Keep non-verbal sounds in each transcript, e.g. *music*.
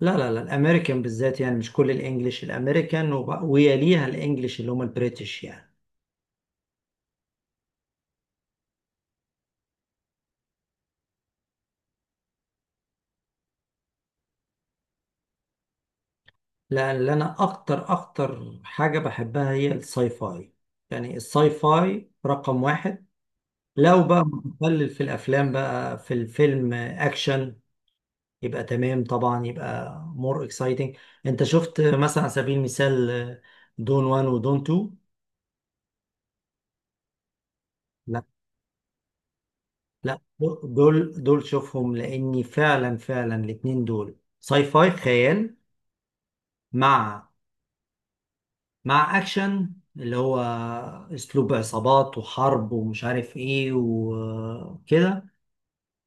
لا لا لا الامريكان بالذات، يعني مش كل الانجليش، الامريكان ويليها الانجليش اللي هم البريتش يعني. لأن انا اكتر اكتر حاجه بحبها هي الساي فاي، يعني الساي فاي رقم واحد. لو بقى متخلل في الافلام، بقى في الفيلم اكشن، يبقى تمام طبعا، يبقى مور اكسايتنج. انت شفت مثلا، على سبيل المثال، دون وان ودون تو؟ لا، لا، دول شوفهم، لاني فعلا فعلا الاتنين دول ساي فاي خيال، مع مع اكشن، اللي هو اسلوب عصابات وحرب ومش عارف ايه وكده،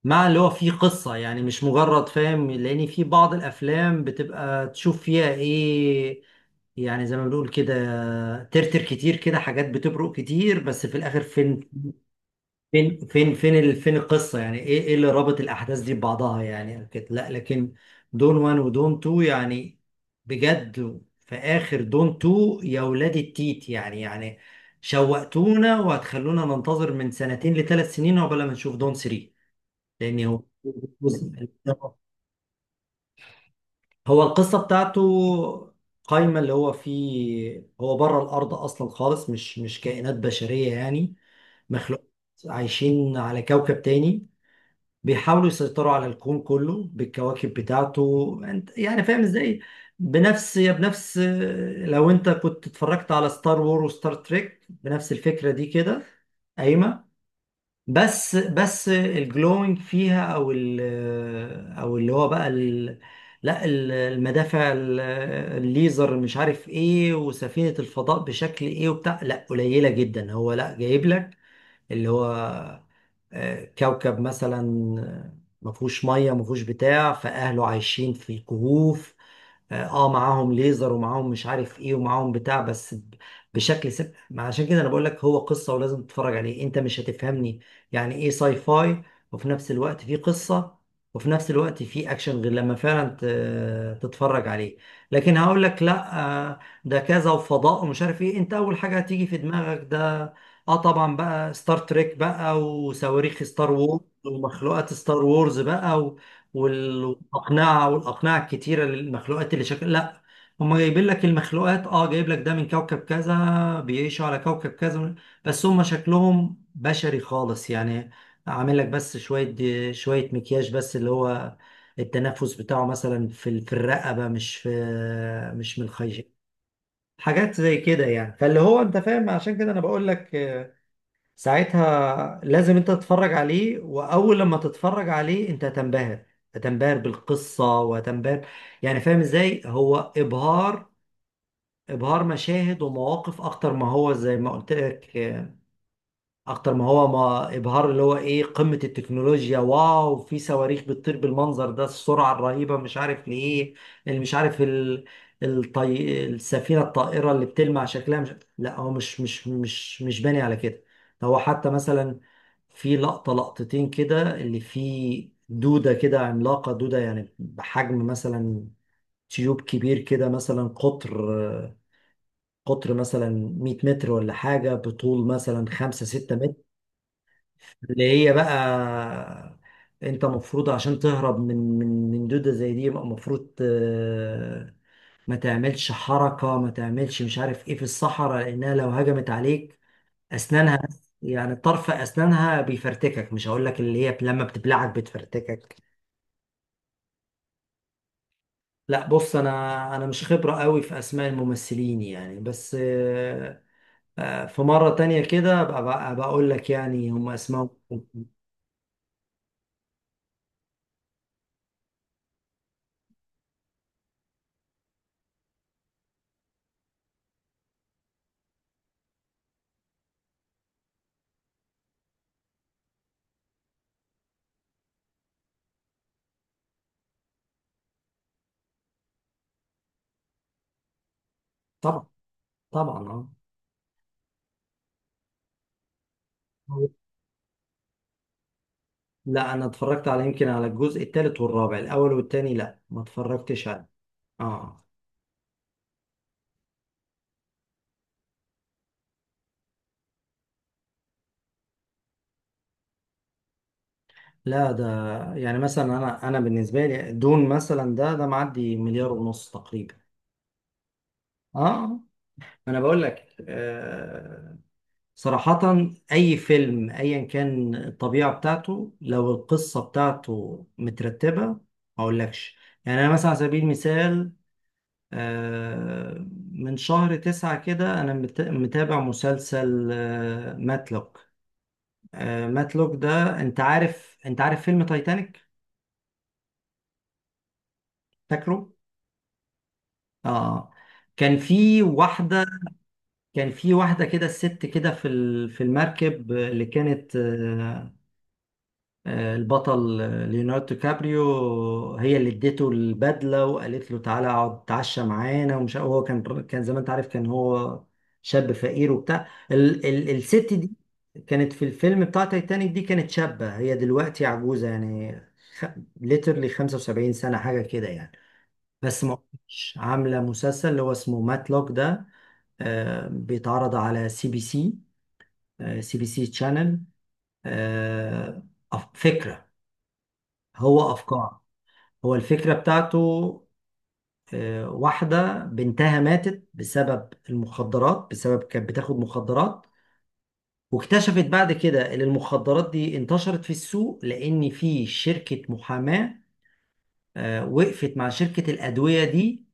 مع اللي هو فيه قصة، يعني مش مجرد، فاهم؟ لان في بعض الافلام بتبقى تشوف فيها ايه، يعني زي ما بنقول كده، ترتر كتير كده، حاجات بتبرق كتير بس في الاخر فين؟ فين القصة، يعني ايه اللي رابط الأحداث دي ببعضها، يعني كده لا. لكن دون 1 ودون 2 يعني، بجد في آخر دون 2، يا ولاد التيت يعني، يعني شوقتونا وهتخلونا ننتظر من سنتين لثلاث سنين عقبال ما نشوف دون 3، لأن هو *laughs* هو القصة بتاعته قايمة، اللي هو فيه هو بره الأرض أصلا خالص، مش كائنات بشرية يعني، مخلوق عايشين على كوكب تاني، بيحاولوا يسيطروا على الكون كله بالكواكب بتاعته. انت يعني فاهم ازاي؟ بنفس، لو انت كنت اتفرجت على ستار وور وستار تريك، بنفس الفكرة دي كده قايمة. بس الجلوينج فيها، او ال، او اللي هو بقى ال، لا المدافع الليزر، مش عارف ايه، وسفينة الفضاء بشكل ايه وبتاع، لا قليلة جدا هو، لا جايب لك اللي هو، كوكب مثلا ما فيهوش ميه، ما فيهوش بتاع، فاهله عايشين في كهوف، اه معاهم ليزر ومعاهم مش عارف ايه ومعاهم بتاع، بس ب- بشكل سب... ما عشان كده انا بقول لك هو قصة، ولازم تتفرج عليه، انت مش هتفهمني يعني ايه ساي فاي، وفي نفس الوقت في قصة، وفي نفس الوقت في اكشن، غير لما فعلا تتفرج عليه. لكن هقول لك، لا آه، ده كذا وفضاء ومش عارف ايه، انت اول حاجة هتيجي في دماغك ده، اه، طبعا بقى ستار تريك بقى وصواريخ ستار وورز ومخلوقات ستار وورز بقى، والاقنعه، والاقنعه الكتيره للمخلوقات، اللي شكل، لا هم جايبين لك المخلوقات، اه، جايب لك ده من كوكب كذا، بيعيشوا على كوكب كذا، بس هم شكلهم بشري خالص يعني، عامل لك بس شويه شويه مكياج، بس اللي هو التنفس بتاعه مثلا في الرقبه، مش في، مش من الخيش، حاجات زي كده يعني. فاللي هو، انت فاهم، عشان كده انا بقول لك، ساعتها لازم انت تتفرج عليه، واول لما تتفرج عليه انت هتنبهر، هتنبهر بالقصة وهتنبهر، يعني فاهم ازاي، هو ابهار، ابهار مشاهد ومواقف اكتر ما هو، زي ما قلت لك، اكتر ما هو ما ابهار اللي هو ايه قمة التكنولوجيا، واو في صواريخ بتطير بالمنظر ده، السرعة الرهيبة، مش عارف ليه، اللي مش عارف ال... السفينة الطائرة اللي بتلمع شكلها، مش، لا هو مش باني على كده. هو حتى مثلا في لقطة لقطتين كده اللي فيه دودة كده عملاقة، دودة يعني بحجم مثلا تيوب كبير كده، مثلا قطر مثلا 100 متر ولا حاجة، بطول مثلا 5 6 متر، اللي هي بقى، انت مفروض عشان تهرب من دودة زي دي، يبقى مفروض ما تعملش حركة، ما تعملش مش عارف ايه في الصحراء، لانها لو هجمت عليك، اسنانها بس، يعني طرف اسنانها بيفرتكك، مش هقول لك اللي هي لما بتبلعك بتفرتكك. لا بص، انا مش خبرة قوي في اسماء الممثلين يعني، بس في مرة تانية كده بقى بقول لك يعني هم اسمائهم. طبعا، طبعا. اه، لا انا اتفرجت على، يمكن على الجزء الثالث والرابع، الاول والثاني لا ما اتفرجتش عليه. اه، لا ده يعني مثلا، انا بالنسبه لي دون مثلا، ده معدي مليار ونص تقريبا. اه، انا بقول لك صراحه، اي فيلم ايا كان الطبيعه بتاعته، لو القصه بتاعته مترتبه ما اقولكش، يعني انا مثلا على سبيل المثال، آه، من شهر تسعة كده أنا متابع مسلسل ماتلوك. مات لوك ده، انت عارف، انت عارف فيلم تايتانيك؟ فاكره؟ اه، كان في واحده، كان في واحده كده، الست كده في المركب اللي كانت البطل، ليوناردو كابريو، هي اللي اديته البدله وقالت له تعالى اقعد تعشى معانا ومش عارف، هو كان، كان زي ما انت عارف كان هو شاب فقير وبتاع، ال الست دي كانت في الفيلم بتاع تايتانيك دي، كانت شابه، هي دلوقتي عجوزه يعني، خ... ليترلي 75 سنه حاجه كده يعني، بس ما كنتش عامله مسلسل اللي هو اسمه ماتلوك ده. بيتعرض على سي بي سي، سي بي سي تشانل. فكره، هو افكار، هو الفكرة بتاعته واحدة بنتها ماتت بسبب المخدرات، بسبب كانت بتاخد مخدرات، واكتشفت بعد كده ان المخدرات دي انتشرت في السوق، لان في شركة محاماة وقفت مع شركة الأدوية دي،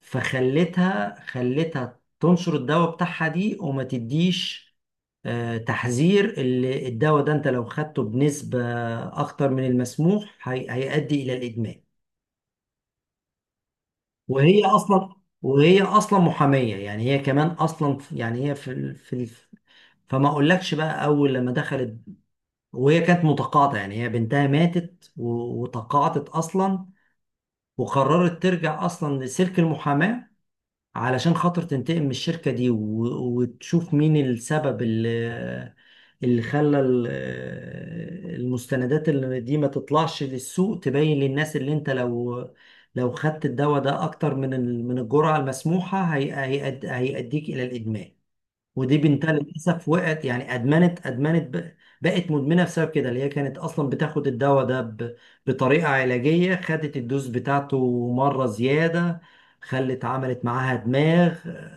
فخلتها، خلتها تنشر الدواء بتاعها دي، وما تديش تحذير، اللي الدواء ده انت لو خدته بنسبة اكتر من المسموح هيؤدي الى الادمان. وهي اصلا وهي اصلا محاميه، يعني هي كمان اصلا، يعني هي في ال... في ال... فما اقولكش بقى، اول لما دخلت وهي كانت متقاعده، يعني هي بنتها ماتت و... وتقاعدت اصلا، وقررت ترجع اصلا لسلك المحاماه علشان خاطر تنتقم من الشركة دي، وتشوف مين السبب اللي، اللي خلى المستندات اللي دي ما تطلعش للسوق، تبين للناس اللي انت لو، لو خدت الدواء ده اكتر من الجرعة المسموحة، هيأديك الى الادمان. ودي بنتها للاسف وقعت يعني، ادمنت، بقت مدمنه بسبب كده، اللي هي كانت اصلا بتاخد الدواء ده بطريقه علاجيه، خدت الدوز بتاعته مره زياده، خلت، عملت معاها دماغ،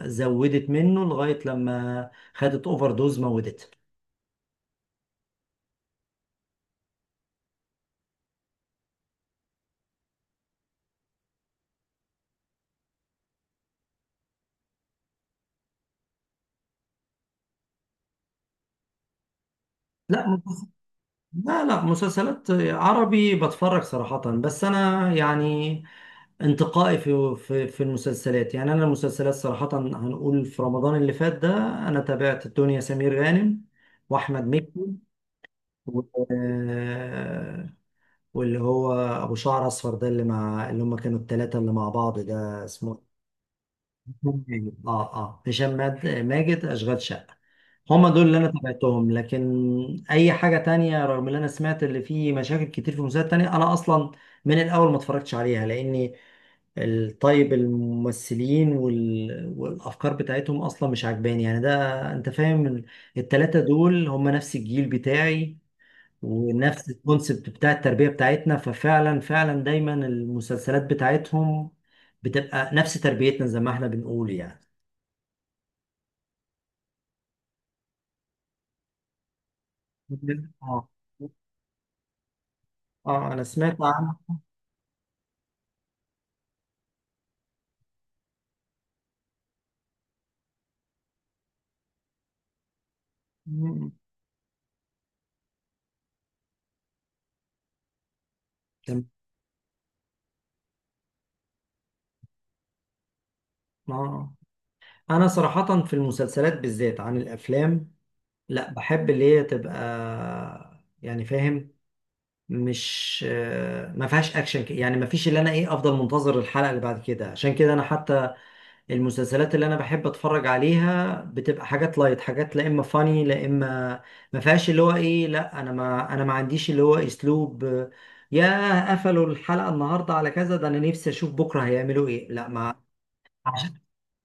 زودت منه لغايه لما خدت اوفر دوز موتتها. لا مسلس- لا، مسلسلات عربي بتفرج صراحه، بس انا يعني انتقائي في المسلسلات، يعني انا المسلسلات صراحة، هنقول في رمضان اللي فات ده انا تابعت الدنيا سمير غانم واحمد مكي و... واللي هو ابو شعر اصفر ده، اللي مع، اللي هم كانوا الثلاثة اللي مع بعض ده، اسمه هشام ماجد. اه اه، ماجد، اشغال شقة. هما دول اللي انا تابعتهم. لكن اي حاجة تانية، رغم اللي انا سمعت اللي فيه مشاكل كتير في مسلسلات تانية، انا اصلا من الاول ما اتفرجتش عليها، لاني طيب الممثلين وال... والافكار بتاعتهم اصلا مش عجباني يعني. ده انت فاهم التلاتة دول هم نفس الجيل بتاعي ونفس الكونسبت بتاع التربية بتاعتنا، ففعلا فعلا دايما المسلسلات بتاعتهم بتبقى نفس تربيتنا زي ما احنا بنقول يعني. مم. اه، اه انا سمعت عن. مم. تم- اه انا صراحة في المسلسلات بالذات عن الافلام، لا بحب اللي هي تبقى، يعني فاهم، مش ما فيهاش اكشن، يعني ما فيش اللي انا ايه افضل منتظر الحلقه اللي بعد كده، عشان كده انا حتى المسلسلات اللي انا بحب اتفرج عليها بتبقى حاجات لايت، حاجات لا اما فاني لا اما ما فيهاش اللي هو ايه، لا انا ما، انا ما عنديش اللي هو اسلوب يا قفلوا الحلقه النهارده على كذا ده انا نفسي اشوف بكره هيعملوا ايه، لا ما عشان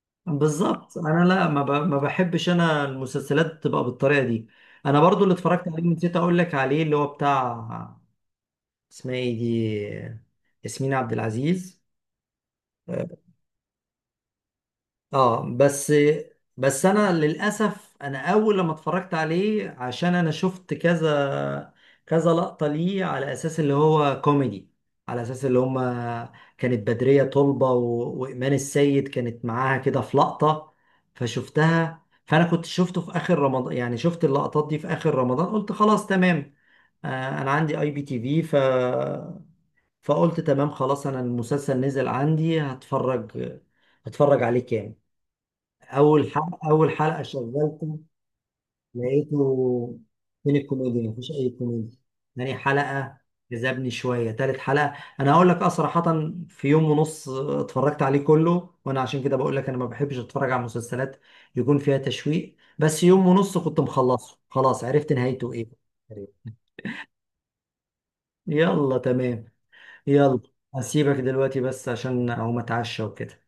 *laughs* بالظبط. انا لا ما, ما بحبش انا المسلسلات تبقى بالطريقه دي. انا برضو اللي اتفرجت عليه نسيت اقول لك عليه، اللي هو بتاع، اسمها ايه دي، ياسمين عبد العزيز. اه بس، بس انا للاسف انا اول لما اتفرجت عليه، عشان انا شفت كذا كذا لقطة ليه على اساس اللي هو كوميدي، على اساس اللي هما كانت بدرية طلبة وايمان السيد كانت معاها كده في لقطة، فشفتها، فانا كنت شفته في اخر رمضان، يعني شفت اللقطات دي في اخر رمضان، قلت خلاص تمام انا عندي اي بي تي في، فقلت تمام خلاص، انا المسلسل نزل عندي، هتفرج، هتفرج عليه كامل. اول حلقه، اول حلقه شغلته، لقيته فين الكوميديا، مفيش اي كوميديا. تاني حلقه جذبني شويه، تالت حلقه، انا هقول لك اه صراحه، في يوم ونص اتفرجت عليه كله، وانا عشان كده بقول لك انا ما بحبش اتفرج على مسلسلات يكون فيها تشويق، بس يوم ونص كنت مخلصه خلاص، عرفت نهايته ايه. يلا تمام، يلا. هسيبك دلوقتي بس عشان اقوم اتعشى وكده.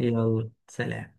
يلا، سلام.